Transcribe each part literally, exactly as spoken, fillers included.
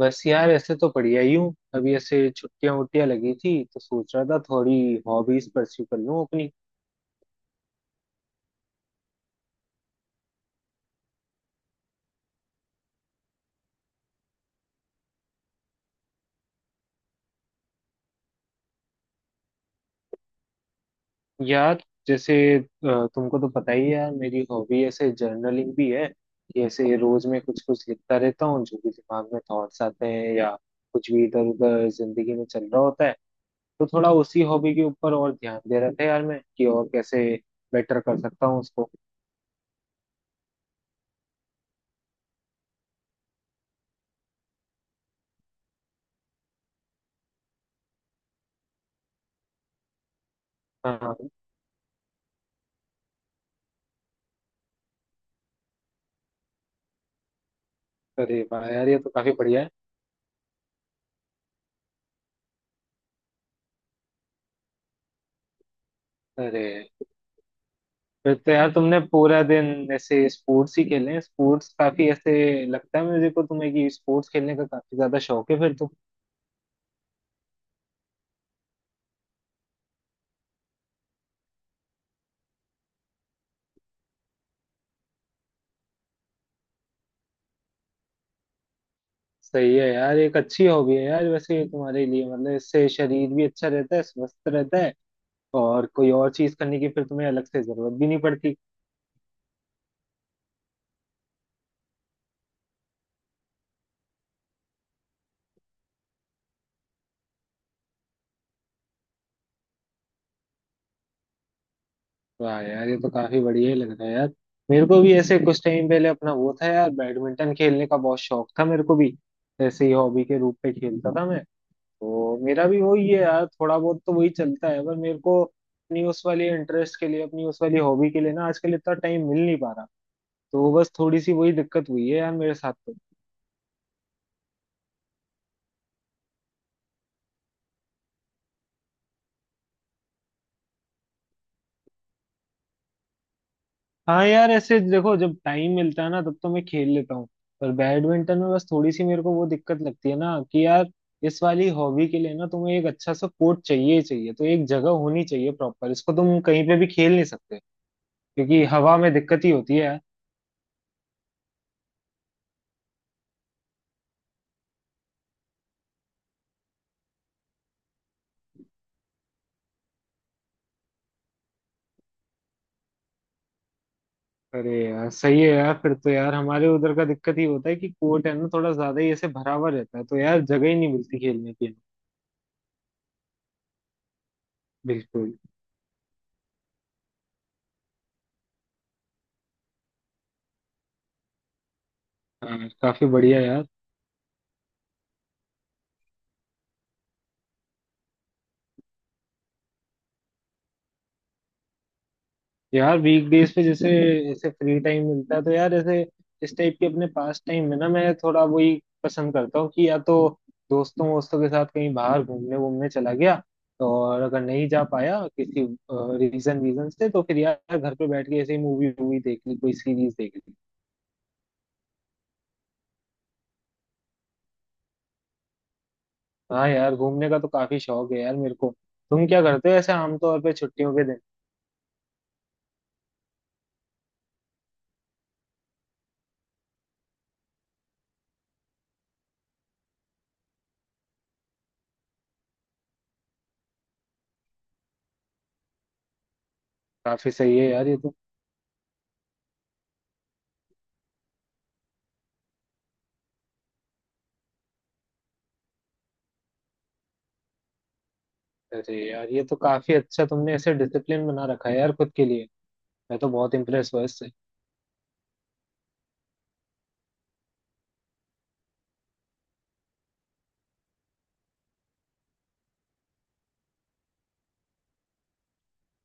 बस यार, ऐसे तो बढ़िया ही हूँ। अभी ऐसे छुट्टियां वुट्टियां लगी थी तो सोच रहा था थोड़ी हॉबीज परस्यू कर लूँ अपनी। यार, जैसे अ, तुमको तो पता ही है यार, मेरी हॉबी ऐसे जर्नलिंग भी है कि ऐसे रोज में कुछ कुछ लिखता रहता हूँ जो भी दिमाग में थॉट्स आते हैं या कुछ भी इधर उधर जिंदगी में चल रहा होता है। तो थोड़ा उसी हॉबी के ऊपर और ध्यान दे रहा था यार मैं कि और कैसे बेटर कर सकता हूँ उसको। हाँ। अरे वाह यार, ये तो काफी बढ़िया है। अरे। फिर तो यार तुमने पूरा दिन ऐसे स्पोर्ट्स ही खेले हैं। स्पोर्ट्स काफी ऐसे, लगता है मुझे को तुम्हें कि स्पोर्ट्स खेलने का काफी ज्यादा शौक है फिर तो। सही है यार, एक अच्छी हॉबी है यार। वैसे ये तुम्हारे लिए मतलब इससे शरीर भी अच्छा रहता है, स्वस्थ रहता है। और कोई और चीज करने की फिर तुम्हें अलग से जरूरत भी नहीं पड़ती। वाह यार, ये तो काफी बढ़िया ही लग रहा है यार। मेरे को भी ऐसे कुछ टाइम पहले अपना वो था यार, बैडमिंटन खेलने का बहुत शौक था मेरे को भी। ऐसे ही हॉबी के रूप में खेलता था मैं। तो मेरा भी वही है यार, थोड़ा बहुत तो वही चलता है पर मेरे को अपनी उस वाली इंटरेस्ट के लिए अपनी उस वाली हॉबी के लिए ना आजकल इतना टाइम मिल नहीं पा रहा। तो बस थोड़ी सी वही दिक्कत हुई है यार मेरे साथ तो। हाँ यार, ऐसे देखो जब टाइम मिलता है ना तब तो मैं खेल लेता हूँ। पर बैडमिंटन में बस थोड़ी सी मेरे को वो दिक्कत लगती है ना कि यार इस वाली हॉबी के लिए ना तुम्हें एक अच्छा सा कोर्ट चाहिए ही चाहिए, तो एक जगह होनी चाहिए प्रॉपर, इसको तुम कहीं पे भी खेल नहीं सकते क्योंकि हवा में दिक्कत ही होती है। अरे यार, सही है यार। फिर तो यार हमारे उधर का दिक्कत ही होता है कि कोर्ट है ना थोड़ा ज्यादा ही ऐसे भरा हुआ रहता है, तो यार जगह ही नहीं मिलती खेलने की। बिल्कुल। हाँ, काफी बढ़िया यार। यार वीकडेज पे जैसे ऐसे फ्री टाइम मिलता है तो यार ऐसे इस टाइप के अपने पास टाइम में ना मैं थोड़ा वही पसंद करता हूँ कि या तो दोस्तों वोस्तों के साथ कहीं बाहर घूमने वूमने चला गया, और अगर नहीं जा पाया किसी रीजन वीजन से तो फिर यार घर पे बैठ के ऐसे मूवी वूवी देख ली कोई सीरीज देख ली। हाँ यार, घूमने का तो काफी शौक है यार मेरे को। तुम क्या करते हो ऐसे आमतौर पे छुट्टियों के दिन? काफी सही है यार ये तो। अरे यार, ये तो काफी अच्छा, तुमने ऐसे डिसिप्लिन बना रखा है यार खुद के लिए। मैं तो बहुत इम्प्रेस हुआ इससे।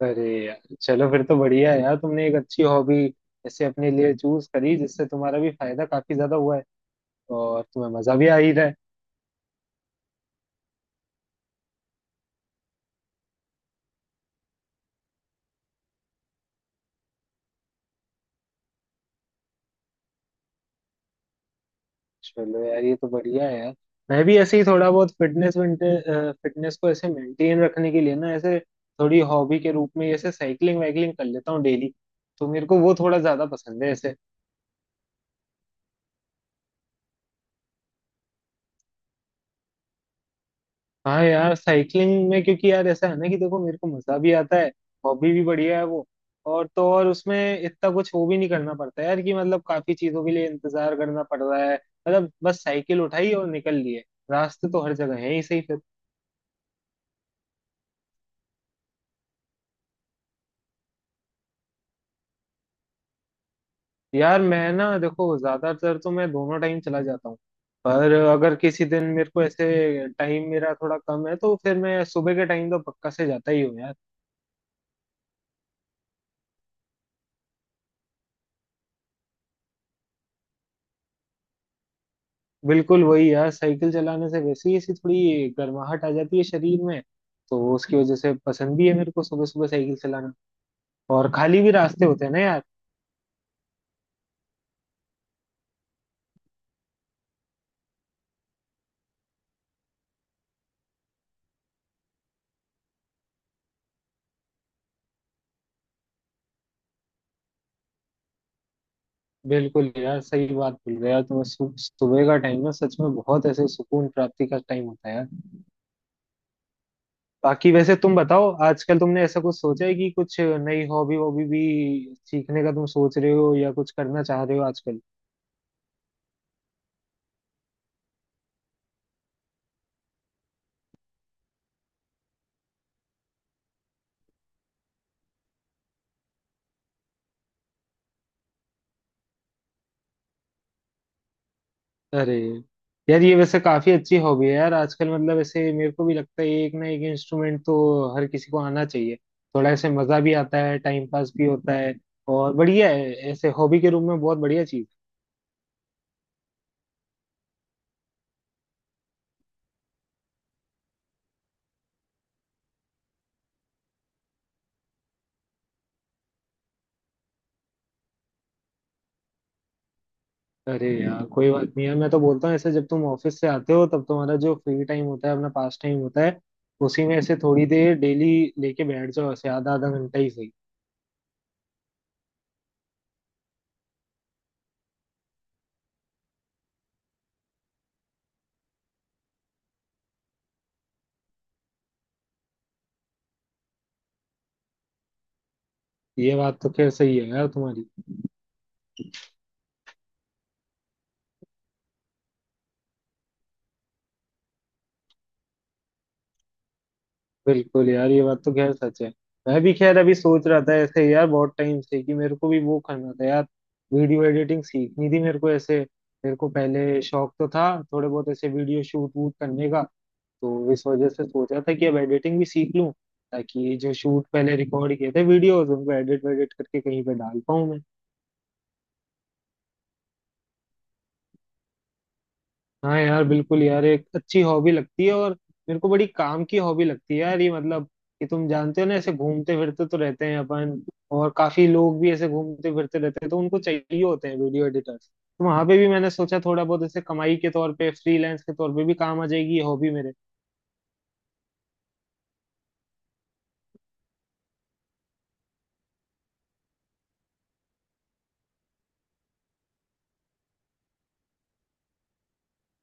अरे यार चलो, फिर तो बढ़िया है यार, तुमने एक अच्छी हॉबी ऐसे अपने लिए चूज करी जिससे तुम्हारा भी फायदा काफी ज्यादा हुआ है। और तुम्हें मजा भी आ ही रहा है। चलो यार, ये तो बढ़िया है यार। मैं भी ऐसे ही थोड़ा बहुत फिटनेस, फिटनेस को ऐसे मेंटेन रखने के लिए ना ऐसे थोड़ी हॉबी के रूप में ऐसे साइकिलिंग वाइकलिंग कर लेता हूँ डेली। तो मेरे को वो थोड़ा ज्यादा पसंद है ऐसे। हाँ यार, साइकिलिंग में क्योंकि यार ऐसा है ना कि देखो, मेरे को मजा भी आता है, हॉबी भी बढ़िया है वो। और तो और उसमें इतना कुछ वो भी नहीं करना पड़ता यार कि मतलब काफी चीजों के लिए इंतजार करना पड़ रहा है, मतलब बस साइकिल उठाई और निकल लिए। रास्ते तो हर जगह है ही सही। यार मैं ना देखो ज्यादातर तो मैं दोनों टाइम चला जाता हूँ। पर अगर किसी दिन मेरे को ऐसे टाइम मेरा थोड़ा कम है तो फिर मैं सुबह के टाइम तो पक्का से जाता ही हूँ यार। बिल्कुल वही यार, साइकिल चलाने से वैसे ही ऐसी थोड़ी गर्माहट आ जाती है शरीर में, तो उसकी वजह से पसंद भी है मेरे को सुबह सुबह साइकिल चलाना। और खाली भी रास्ते होते हैं ना यार। बिल्कुल यार, सही बात बोल रहे हो यार। तुम्हें सु- सुबह का टाइम ना सच में बहुत ऐसे सुकून प्राप्ति का टाइम होता है यार। बाकी वैसे तुम बताओ, आजकल तुमने ऐसा कुछ सोचा है कि कुछ नई हॉबी वॉबी भी सीखने का तुम सोच रहे हो या कुछ करना चाह रहे हो आजकल? अरे यार, ये वैसे काफी अच्छी हॉबी है यार आजकल। मतलब ऐसे मेरे को भी लगता है एक ना एक इंस्ट्रूमेंट तो हर किसी को आना चाहिए। थोड़ा ऐसे मजा भी आता है, टाइम पास भी होता है। और बढ़िया है ऐसे हॉबी के रूप में, बहुत बढ़िया चीज। अरे यार, कोई बात नहीं है, मैं तो बोलता हूँ ऐसे जब तुम ऑफिस से आते हो तब तुम्हारा जो फ्री टाइम होता है अपना पास टाइम होता है, उसी में ऐसे थोड़ी देर डेली लेके बैठ जाओ, ऐसे आधा आधा घंटा ही सही। ये बात तो खैर सही है यार तुम्हारी। बिल्कुल यार, ये बात तो खैर सच है। मैं भी खैर अभी सोच रहा था ऐसे यार बहुत टाइम से कि मेरे को भी वो करना था यार, वीडियो एडिटिंग सीखनी थी मेरे को ऐसे। मेरे को पहले शौक तो था थोड़े बहुत ऐसे वीडियो शूट वूट करने का, तो इस वजह से सोचा था कि अब एडिटिंग भी सीख लूं, ताकि ये जो शूट पहले रिकॉर्ड किए थे वीडियोस उनको एडिट वेडिट करके कहीं पे डाल पाऊं मैं। हाँ यार, बिल्कुल यार, एक अच्छी हॉबी लगती है और मेरे को बड़ी काम की हॉबी लगती है यार ये, मतलब कि तुम जानते हो ना ऐसे घूमते फिरते तो रहते हैं अपन, और काफी लोग भी ऐसे घूमते फिरते रहते हैं तो उनको चाहिए होते हैं वीडियो एडिटर्स। तो वहां पे भी मैंने सोचा थोड़ा बहुत ऐसे कमाई के तौर पे फ्रीलांस के तौर पे भी काम आ जाएगी ये हॉबी मेरे।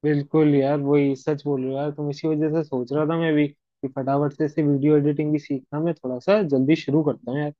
बिल्कुल यार, वही सच बोल रहे हो यार तुम। इसी वजह से सोच रहा था मैं भी कि फटाफट से इसे वीडियो एडिटिंग भी सीखना मैं थोड़ा सा जल्दी शुरू करता हूँ यार।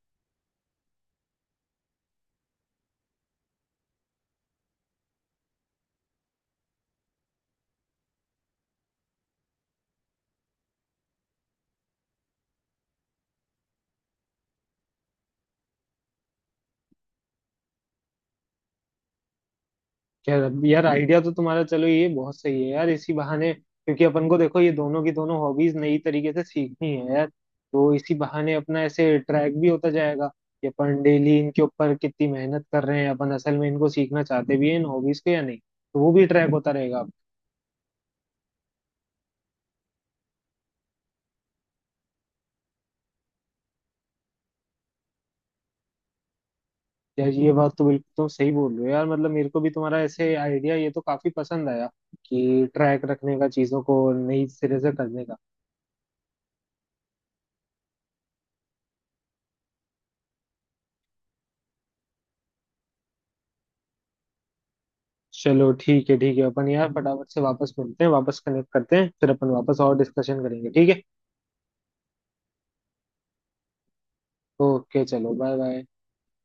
यार यार, आइडिया तो तुम्हारा चलो ये बहुत सही है यार इसी बहाने, क्योंकि अपन को देखो ये दोनों की दोनों हॉबीज नई तरीके से सीखनी है यार, तो इसी बहाने अपना ऐसे ट्रैक भी होता जाएगा कि अपन डेली इनके ऊपर कितनी मेहनत कर रहे हैं, अपन असल में इनको सीखना चाहते भी हैं इन हॉबीज को या नहीं, तो वो भी ट्रैक होता रहेगा। यार ये बात तो बिल्कुल तुम सही बोल रहे हो यार, मतलब मेरे को भी तुम्हारा ऐसे आइडिया ये तो काफी पसंद आया कि ट्रैक रखने का चीजों को, नई सिरे से करने का। चलो ठीक है ठीक है, अपन यार फटाफट से वापस मिलते हैं, वापस कनेक्ट करते हैं, फिर अपन वापस और डिस्कशन करेंगे, ठीक है? ओके चलो, बाय बाय।